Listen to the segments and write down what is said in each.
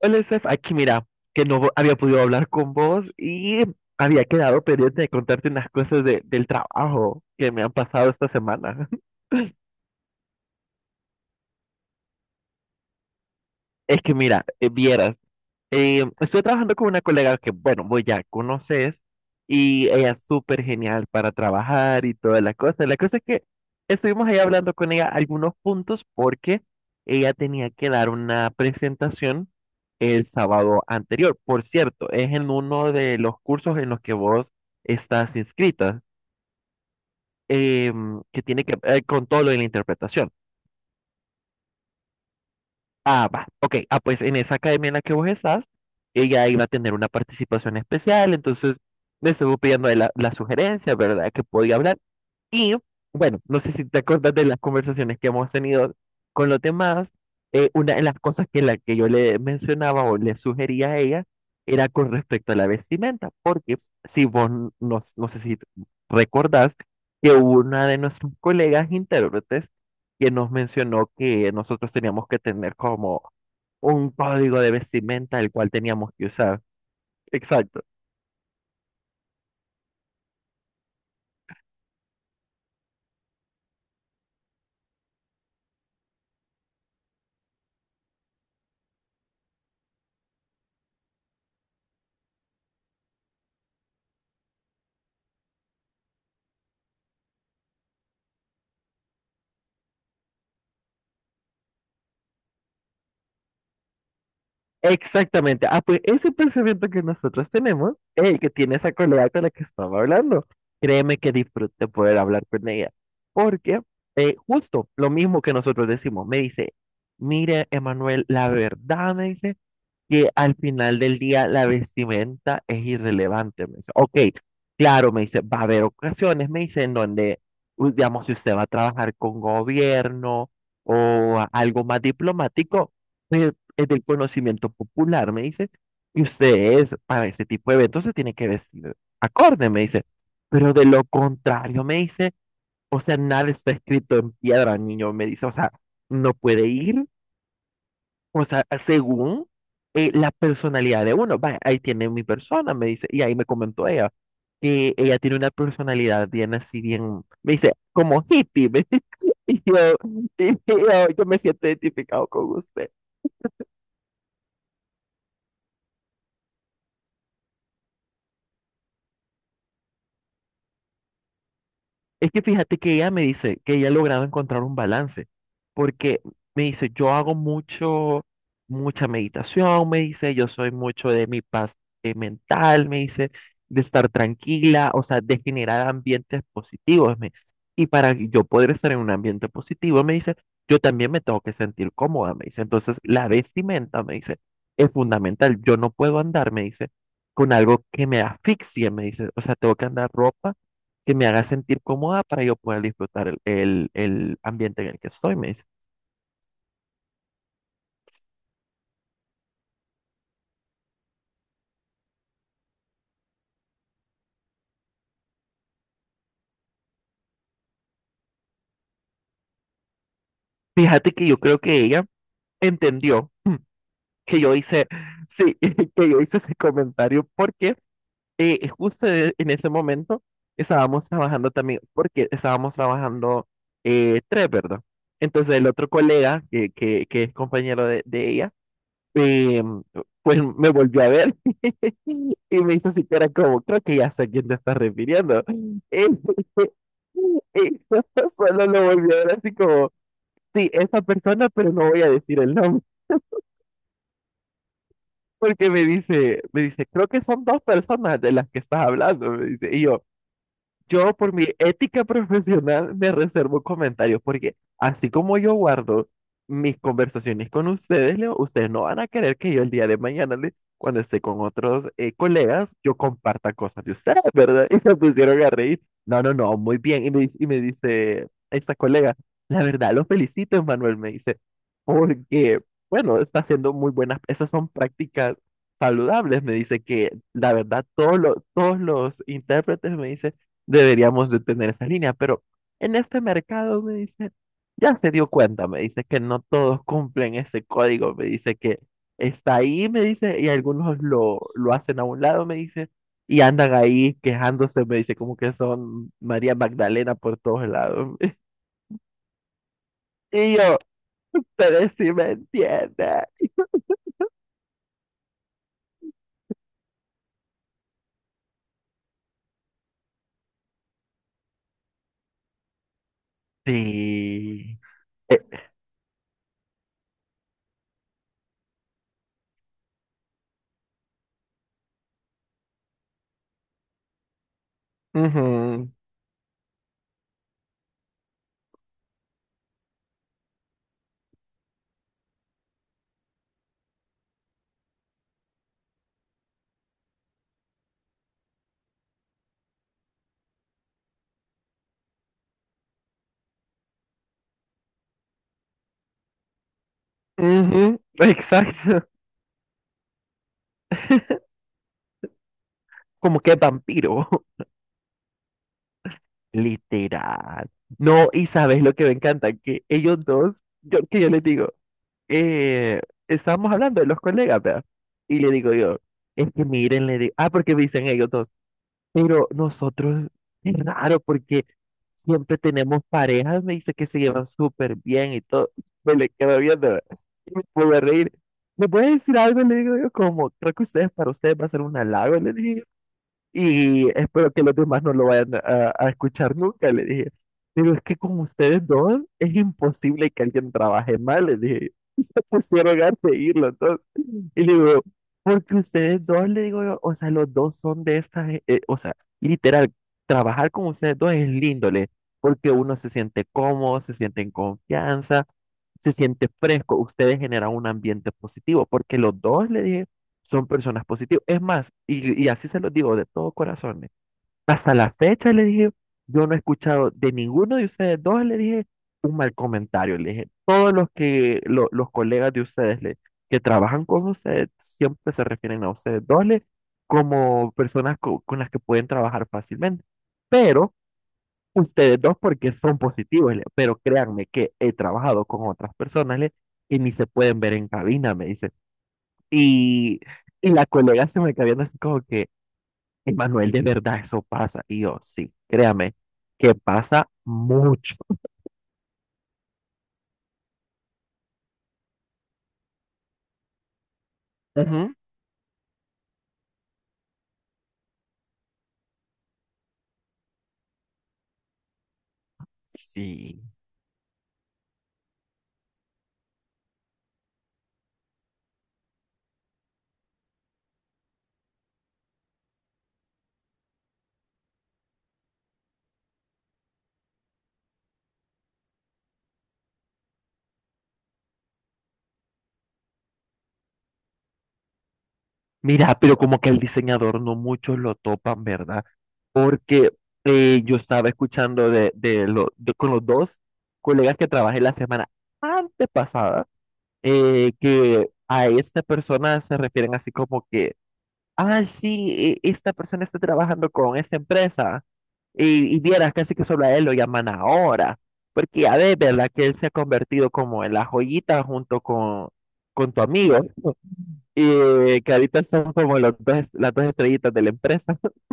Hola, Steph, aquí mira, que no había podido hablar con vos y había quedado pendiente de contarte unas cosas del trabajo que me han pasado esta semana. Es que mira, vieras. Estoy trabajando con una colega que, bueno, vos ya conoces y ella es súper genial para trabajar y toda la cosa. La cosa es que estuvimos ahí hablando con ella algunos puntos porque ella tenía que dar una presentación el sábado anterior. Por cierto, es en uno de los cursos en los que vos estás inscrita, que tiene que ver con todo lo de la interpretación. Ah, va. Ok. Ah, pues en esa academia en la que vos estás, ella iba a tener una participación especial, entonces le estuvo pidiendo la sugerencia, ¿verdad? Que podía hablar. Y bueno, no sé si te acuerdas de las conversaciones que hemos tenido con los demás. Una de las cosas que, la que yo le mencionaba o le sugería a ella era con respecto a la vestimenta, porque si vos, no sé si recordás que hubo una de nuestros colegas intérpretes que nos mencionó que nosotros teníamos que tener como un código de vestimenta el cual teníamos que usar. Exacto. Exactamente. Ah, pues ese pensamiento que nosotros tenemos es el que tiene esa colega con la que estaba hablando. Créeme que disfruté poder hablar con ella. Porque justo lo mismo que nosotros decimos, me dice, mire, Emanuel, la verdad, me dice, que al final del día la vestimenta es irrelevante. Me dice, ok, claro, me dice, va a haber ocasiones, me dice, en donde, digamos, si usted va a trabajar con gobierno o algo más diplomático, pues, es del conocimiento popular, me dice, y usted es, para ese tipo de eventos se tiene que vestir acorde, me dice, pero de lo contrario, me dice, o sea, nada está escrito en piedra, niño, me dice, o sea, no puede ir, o sea, según la personalidad de uno, va, ahí tiene mi persona, me dice, y ahí me comentó ella, que ella tiene una personalidad bien así, bien, me dice, como hippie, me dice, y yo, yo me siento identificado con usted. Es que fíjate que ella me dice que ella ha logrado encontrar un balance, porque me dice, yo hago mucho, mucha meditación, me dice, yo soy mucho de mi paz mental, me dice, de estar tranquila, o sea, de generar ambientes positivos. Y para que yo poder estar en un ambiente positivo, me dice, yo también me tengo que sentir cómoda, me dice. Entonces, la vestimenta, me dice, es fundamental. Yo no puedo andar, me dice, con algo que me asfixie, me dice. O sea, tengo que andar ropa que me haga sentir cómoda para yo poder disfrutar el ambiente en el que estoy, me dice. Fíjate que yo creo que ella entendió que yo hice, sí, que yo hice ese comentario porque justo en ese momento estábamos trabajando también, porque estábamos trabajando tres, ¿verdad? Entonces el otro colega, que es compañero de ella, eh, pues me volvió a ver. Y me hizo así cara como, creo que ya sé a quién te estás refiriendo. Y, y solo lo volvió a ver así como, sí, esa persona, pero no voy a decir el nombre. Porque me dice, creo que son dos personas de las que estás hablando. Me dice, y yo, por mi ética profesional, me reservo comentarios porque así como yo guardo mis conversaciones con ustedes, Leo, ustedes no van a querer que yo el día de mañana, cuando esté con otros colegas, yo comparta cosas de ustedes, ¿verdad? Y se pusieron a reír. No, no, no, muy bien. Y me dice esta colega, la verdad, lo felicito, Manuel, me dice, porque, bueno, está haciendo muy buenas, esas son prácticas saludables. Me dice que la verdad, todos los intérpretes me dicen deberíamos de tener esa línea, pero en este mercado me dice, ya se dio cuenta, me dice que no todos cumplen ese código, me dice que está ahí, me dice, y algunos lo hacen a un lado, me dice, y andan ahí quejándose, me dice, como que son María Magdalena por todos lados. Y yo, pero si me entiende. Sí. Eh, ujú, ujú, exacto. Como que vampiro. Literal. No, y sabes lo que me encanta, que ellos dos, yo, que yo les digo, eh, estábamos hablando de los colegas, ¿verdad? Y le digo yo, es que miren, le digo, ah, porque me dicen ellos dos, pero nosotros, es raro, porque siempre tenemos parejas, me dice que se llevan súper bien y todo, me le quedo viendo, ¿verdad? Y me puedo reír. ¿Me puede decir algo? Le digo yo, como, creo que ustedes, para ustedes va a ser un halago, le dije, y espero que los demás no lo vayan a escuchar nunca, le dije. Pero es que con ustedes dos es imposible que alguien trabaje mal, le dije. Y se pusieron a seguirlo, entonces. Y le digo, porque ustedes dos, le digo yo, o sea, los dos son de estas, o sea, literal, trabajar con ustedes dos es lindo, le, porque uno se siente cómodo, se siente en confianza, se siente fresco, ustedes generan un ambiente positivo, porque los dos, le dije, son personas positivas. Es más, y así se los digo de todo corazón, hasta la fecha le dije, yo no he escuchado de ninguno de ustedes dos, le dije un mal comentario, le dije, todos los que los colegas de ustedes le, que trabajan con ustedes siempre se refieren a ustedes dos le, como personas con las que pueden trabajar fácilmente. Pero ustedes dos porque son positivos, le, pero créanme que he trabajado con otras personas le, que ni se pueden ver en cabina, me dice. Y, y la colega se me quedó viendo así como que, Emanuel, de verdad eso pasa. Y yo, sí, créame, que pasa mucho. Ujú. Sí. Mira, pero como que el diseñador no muchos lo topan, ¿verdad? Porque yo estaba escuchando con los dos colegas que trabajé la semana antepasada, que a esta persona se refieren así como que, ah, sí, esta persona está trabajando con esta empresa. Y vieras casi que solo a él lo llaman ahora, porque ya ves, ¿verdad? Que él se ha convertido como en la joyita junto con tu amigo, y que ahorita son como los dos, las dos estrellitas de la empresa.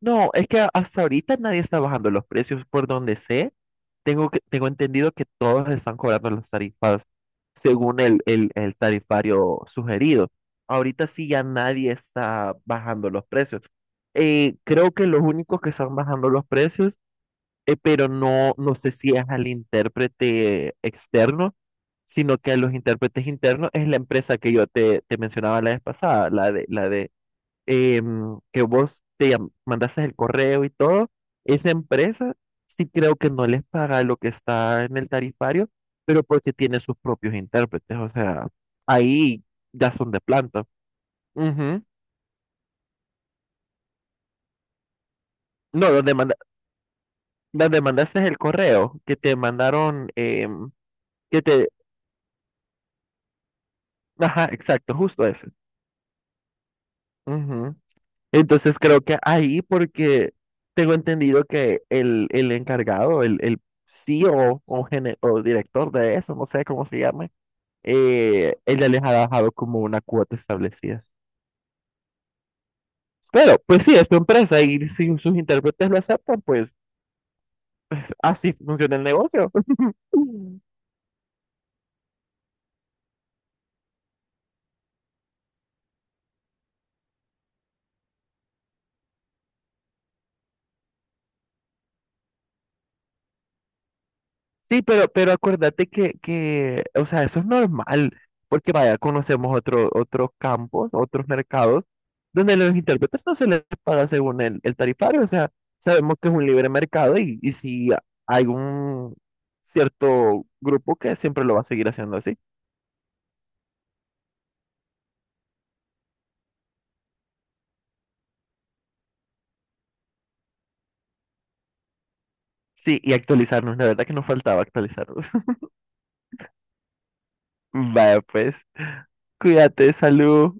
No, es que hasta ahorita nadie está bajando los precios, por donde sé, tengo entendido que todos están cobrando las tarifas según el tarifario sugerido. Ahorita sí ya nadie está bajando los precios. Creo que los únicos que están bajando los precios pero no, no sé si es al intérprete externo, sino que a los intérpretes internos es la empresa que yo te mencionaba la vez pasada, la de que vos mandaste el correo y todo. Esa empresa sí creo que no les paga lo que está en el tarifario, pero porque tiene sus propios intérpretes, o sea, ahí ya son de planta. Ujú. No, donde manda, donde mandaste el correo, que te mandaron, que te, ajá, exacto, justo ese. Ujú. Entonces creo que ahí, porque tengo entendido que el encargado, el CEO o director de eso, no sé cómo se llame, él ya les ha dejado como una cuota establecida. Pero, pues sí, es tu empresa y si sus intérpretes lo aceptan, pues así funciona el negocio. Sí, pero acuérdate que, o sea, eso es normal, porque vaya, conocemos otro, otros campos, otros mercados, donde los intérpretes no se les paga según el tarifario, o sea, sabemos que es un libre mercado y si hay un cierto grupo que siempre lo va a seguir haciendo así. Sí, y actualizarnos, la verdad que nos faltaba actualizarnos. Vaya, pues, cuídate, salud.